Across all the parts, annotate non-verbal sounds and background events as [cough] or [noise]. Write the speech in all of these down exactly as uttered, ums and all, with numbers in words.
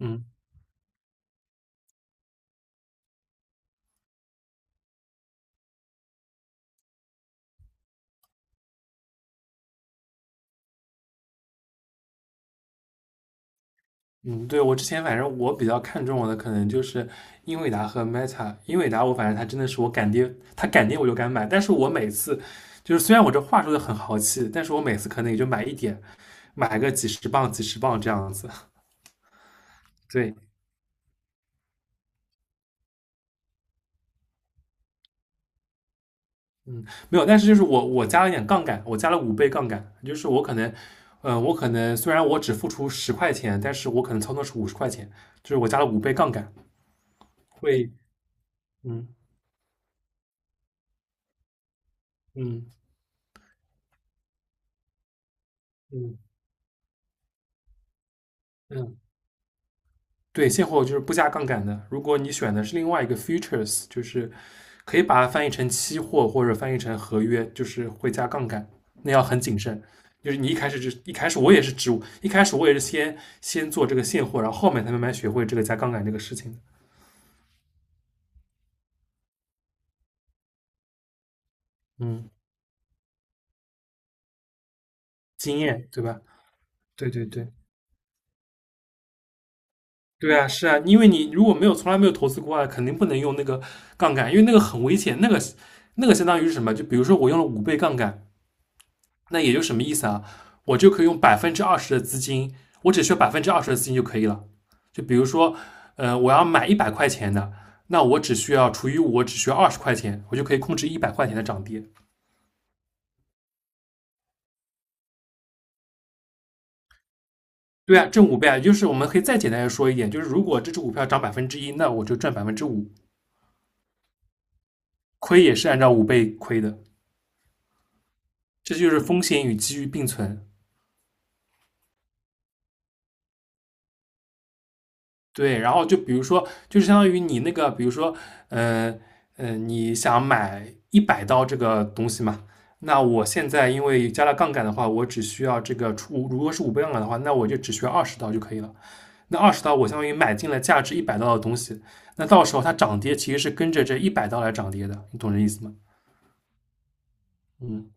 嗯嗯，对，我之前反正我比较看重我的可能就是英伟达和 Meta。英伟达我反正它真的是我敢跌，它敢跌我就敢买，但是我每次就是虽然我这话说的很豪气，但是我每次可能也就买一点，买个几十磅几十磅这样子。[laughs] 对，嗯，没有，但是就是我我加了一点杠杆，我加了五倍杠杆，就是我可能，呃，我可能虽然我只付出十块钱，但是我可能操作是五十块钱，就是我加了五倍杠杆。会，嗯嗯嗯嗯，对，现货就是不加杠杆的。如果你选的是另外一个 futures，就是可以把它翻译成期货或者翻译成合约，就是会加杠杆，那要很谨慎。就是你一开始就一开始我也是植物，一开始我也是先先做这个现货，然后后面才慢慢学会这个加杠杆这个事情的。嗯，经验对吧？对对对，对啊，是啊，因为你如果没有从来没有投资过啊，肯定不能用那个杠杆，因为那个很危险，那个那个相当于是什么？就比如说我用了五倍杠杆，那也就什么意思啊？我就可以用百分之二十的资金，我只需要百分之二十的资金就可以了。就比如说，呃，我要买一百块钱的，那我只需要除以五，我只需要二十块钱，我就可以控制一百块钱的涨跌。对啊，挣五倍啊，就是我们可以再简单的说一点，就是如果这只股票涨百分之一，那我就赚百分之五，亏也是按照五倍亏的。这就是风险与机遇并存。对，然后就比如说，就是相当于你那个，比如说，呃呃，你想买一百刀这个东西嘛？那我现在因为加了杠杆的话，我只需要这个出，如果是五倍杠杆的话，那我就只需要二十刀就可以了。那二十刀我相当于买进了价值一百刀的东西，那到时候它涨跌其实是跟着这一百刀来涨跌的，你懂这意思吗？嗯，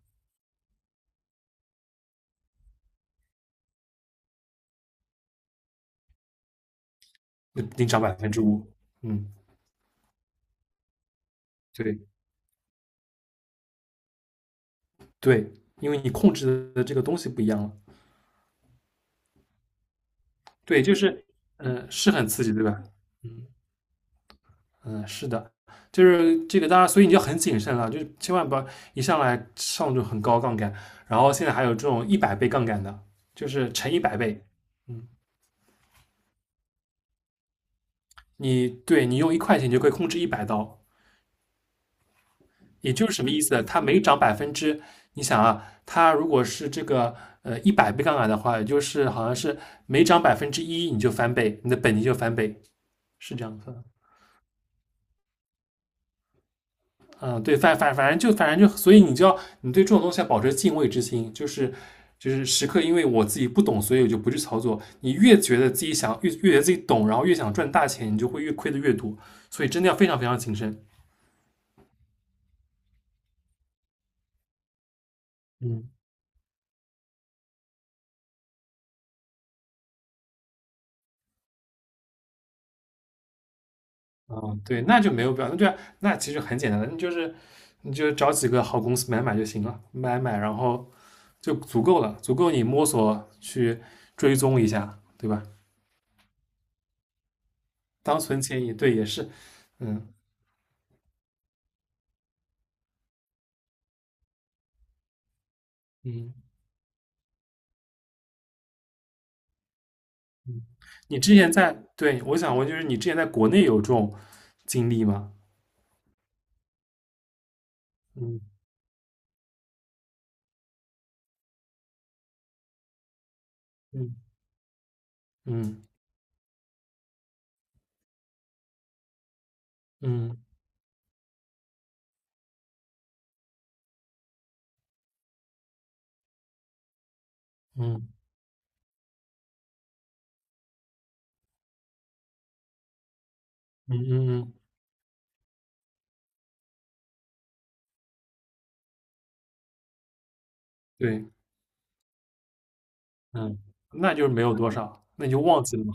那定涨百分之五。嗯，对对，因为你控制的这个东西不一样了。对，就是嗯、呃是很刺激，对吧？嗯。嗯，是的，就是这个，大家所以你要很谨慎了，就是千万不要一上来上这种很高杠杆，然后现在还有这种一百倍杠杆的，就是乘一百倍。嗯，你对你用一块钱你就可以控制一百刀，也就是什么意思呢？它每涨百分之，你想啊，它如果是这个呃一百倍杠杆的话，也就是好像是每涨百分之一你就翻倍，你的本金就翻倍，是这样子的。嗯，对，反反反正就反正就，所以你就要你对这种东西要保持敬畏之心，就是就是时刻，因为我自己不懂，所以我就不去操作。你越觉得自己想越越觉得自己懂，然后越想赚大钱，你就会越亏的越多。所以真的要非常非常谨慎。嗯嗯，对，那就没有必要，那就那其实很简单的，你就是你就找几个好公司买买就行了，买买然后就足够了，足够你摸索去追踪一下，对吧？当存钱也对，也是。嗯。嗯。你之前在，对，我想问，就是你之前在国内有这种经历吗？嗯嗯嗯嗯嗯嗯嗯嗯，对，嗯，那就是没有多少，那你就忘记了嘛。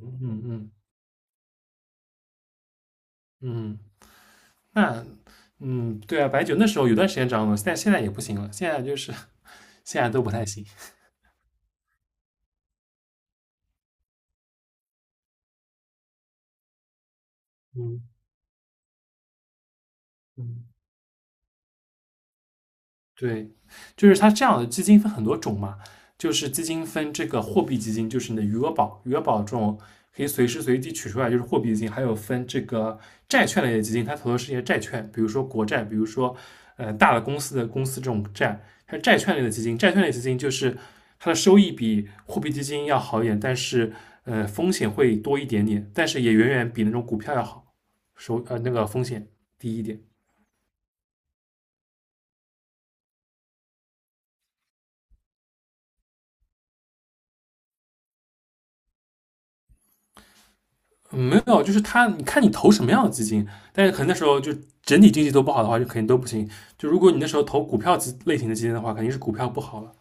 嗯嗯嗯，那嗯，对啊，白酒那时候有段时间涨了，现在现在也不行了，现在就是 [laughs] 现在都不太行。嗯嗯。对，就是它这样的基金分很多种嘛，就是基金分这个货币基金，就是你的余额宝，余额宝这种可以随时随地取出来，就是货币基金，还有分这个债券类的基金，它投的是一些债券，比如说国债，比如说呃大的公司的公司这种债，它是债券类的基金，债券类基金就是它的收益比货币基金要好一点，但是呃风险会多一点点，但是也远远比那种股票要好，收呃那个风险低一点。嗯，没有，就是他，你看你投什么样的基金，但是可能那时候就整体经济都不好的话，就肯定都不行。就如果你那时候投股票基类型的基金的话，肯定是股票不好了。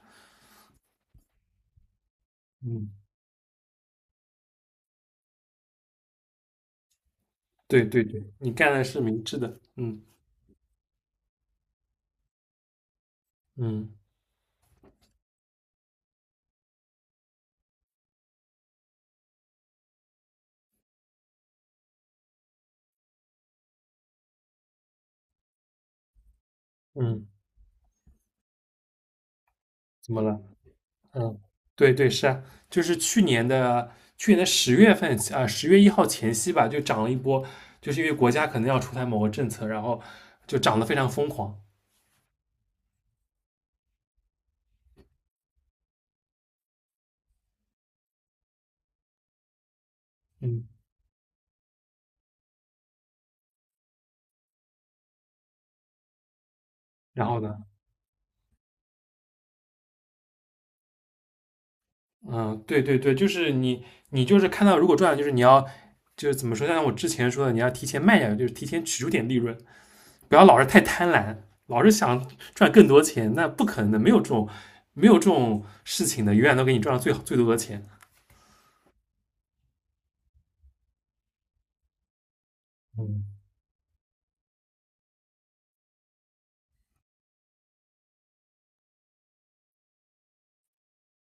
嗯，对对对，你干的是明智的。嗯嗯嗯，怎么了？嗯，对对，是啊，就是去年的去年的十月份啊，十、月一号前夕吧，就涨了一波，就是因为国家可能要出台某个政策，然后就涨得非常疯狂。嗯，然后呢？嗯，对对对，就是你，你就是看到如果赚了，就是你要，就是怎么说？像我之前说的，你要提前卖掉，就是提前取出点利润，不要老是太贪婪，老是想赚更多钱，那不可能的，没有这种没有这种事情的，永远都给你赚到最好最多的钱。嗯，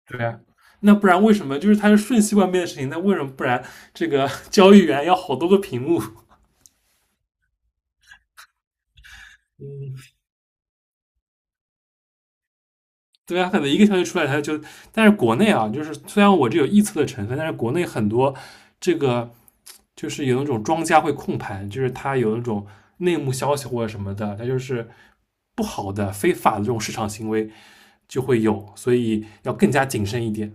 对啊，那不然为什么就是它是瞬息万变的事情？那为什么不然这个 [laughs] 交易员要好多个屏幕？嗯，对啊，可能一个消息出来，它就，但是国内啊，就是虽然我这有臆测的成分，但是国内很多这个就是有那种庄家会控盘，就是它有那种内幕消息或者什么的，它就是不好的、非法的这种市场行为就会有，所以要更加谨慎一点。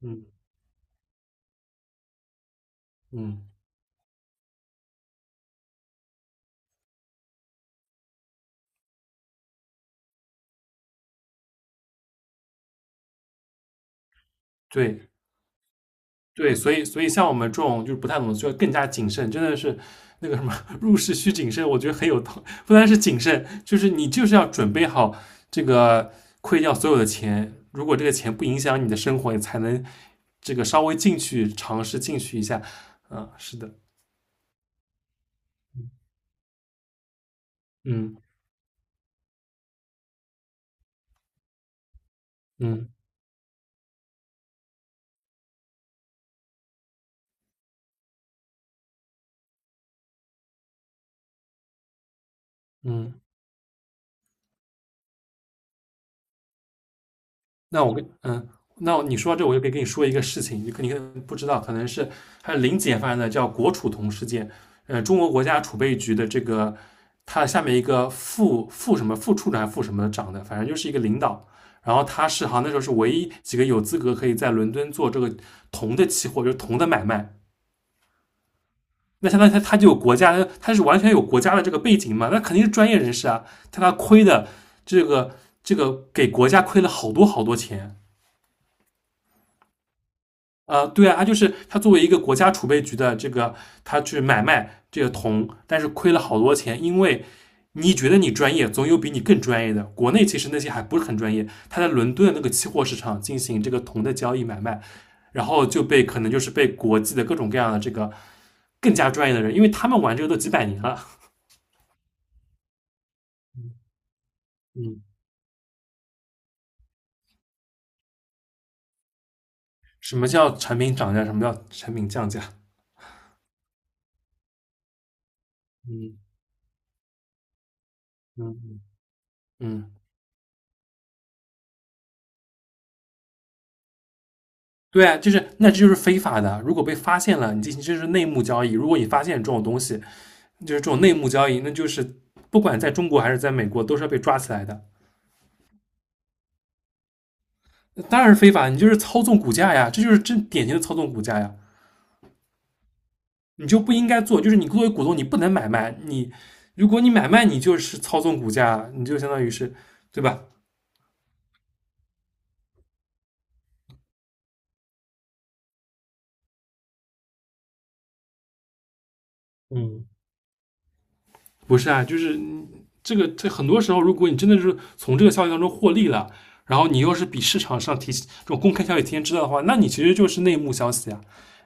嗯嗯，对，对，所以所以像我们这种就是不太懂的，就要更加谨慎，真的是那个什么入市需谨慎，我觉得很有道，不单是谨慎，就是你就是要准备好这个亏掉所有的钱，如果这个钱不影响你的生活，你才能这个稍微进去尝试进去一下。啊，是的，嗯嗯嗯。那我跟嗯，那你说到这，我就可以跟你说一个事情，你可你可能不知道，可能是还有零几年发生的，叫国储铜事件。呃，中国国家储备局的这个，他下面一个副副什么副处长还副什么长的，反正就是一个领导。然后他是好像那时候是唯一几个有资格可以在伦敦做这个铜的期货，就是铜的买卖。那相当于他他就有国家，他是完全有国家的这个背景嘛，那肯定是专业人士啊。但他亏的这个这个给国家亏了好多好多钱。呃，对啊，他就是他作为一个国家储备局的这个，他去买卖这个铜，但是亏了好多钱，因为你觉得你专业，总有比你更专业的。国内其实那些还不是很专业，他在伦敦那个期货市场进行这个铜的交易买卖，然后就被可能就是被国际的各种各样的这个更加专业的人，因为他们玩这个都几百年了。嗯，[laughs] 什么叫产品涨价，什么叫产品降价，嗯嗯嗯嗯，嗯，对啊，就是那这就是非法的。如果被发现了，你进行就是内幕交易。如果你发现这种东西，就是这种内幕交易，那就是不管在中国还是在美国，都是要被抓起来的。当然是非法，你就是操纵股价呀，这就是真典型的操纵股价呀。你就不应该做，就是你作为股东，你不能买卖。你如果你买卖，你就是操纵股价，你就相当于是，对吧？嗯，不是啊，就是嗯这个这很多时候，如果你真的是从这个消息当中获利了，然后你又是比市场上提这种公开消息提前知道的话，那你其实就是内幕消息啊，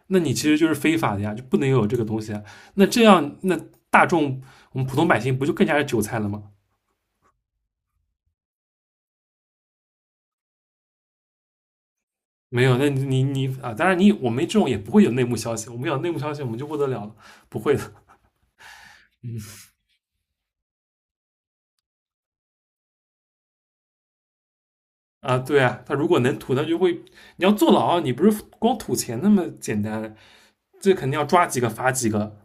那你其实就是非法的呀，就不能有这个东西啊。那这样，那大众我们普通百姓不就更加是韭菜了吗？没有，那你你啊，当然你我们这种也不会有内幕消息，我们有内幕消息我们就不得了了，不会的。啊，对啊，他如果能吐，他就会，你要坐牢，你不是光吐钱那么简单，这肯定要抓几个罚几个，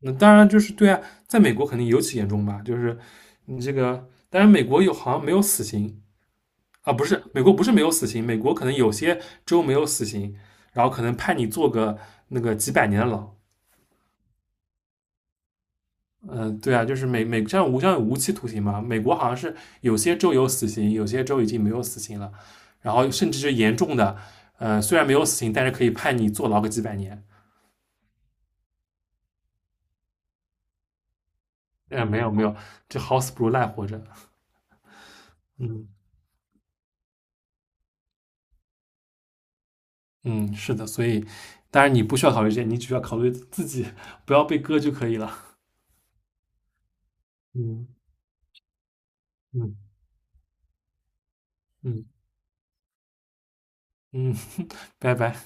那当然就是对啊，在美国肯定尤其严重吧，就是你这个，当然美国有好像没有死刑。啊，不是美国不是没有死刑，美国可能有些州没有死刑，然后可能判你坐个那个几百年的牢。嗯，对啊，就是美美像无像有无期徒刑嘛，美国好像是有些州有死刑，有些州已经没有死刑了，然后甚至是严重的，呃，虽然没有死刑，但是可以判你坐牢个几百年。呃，没有没有，这好死不如赖活着。嗯，嗯，是的，所以当然你不需要考虑这些，你只需要考虑自己不要被割就可以了。嗯嗯嗯嗯，[laughs] 拜拜。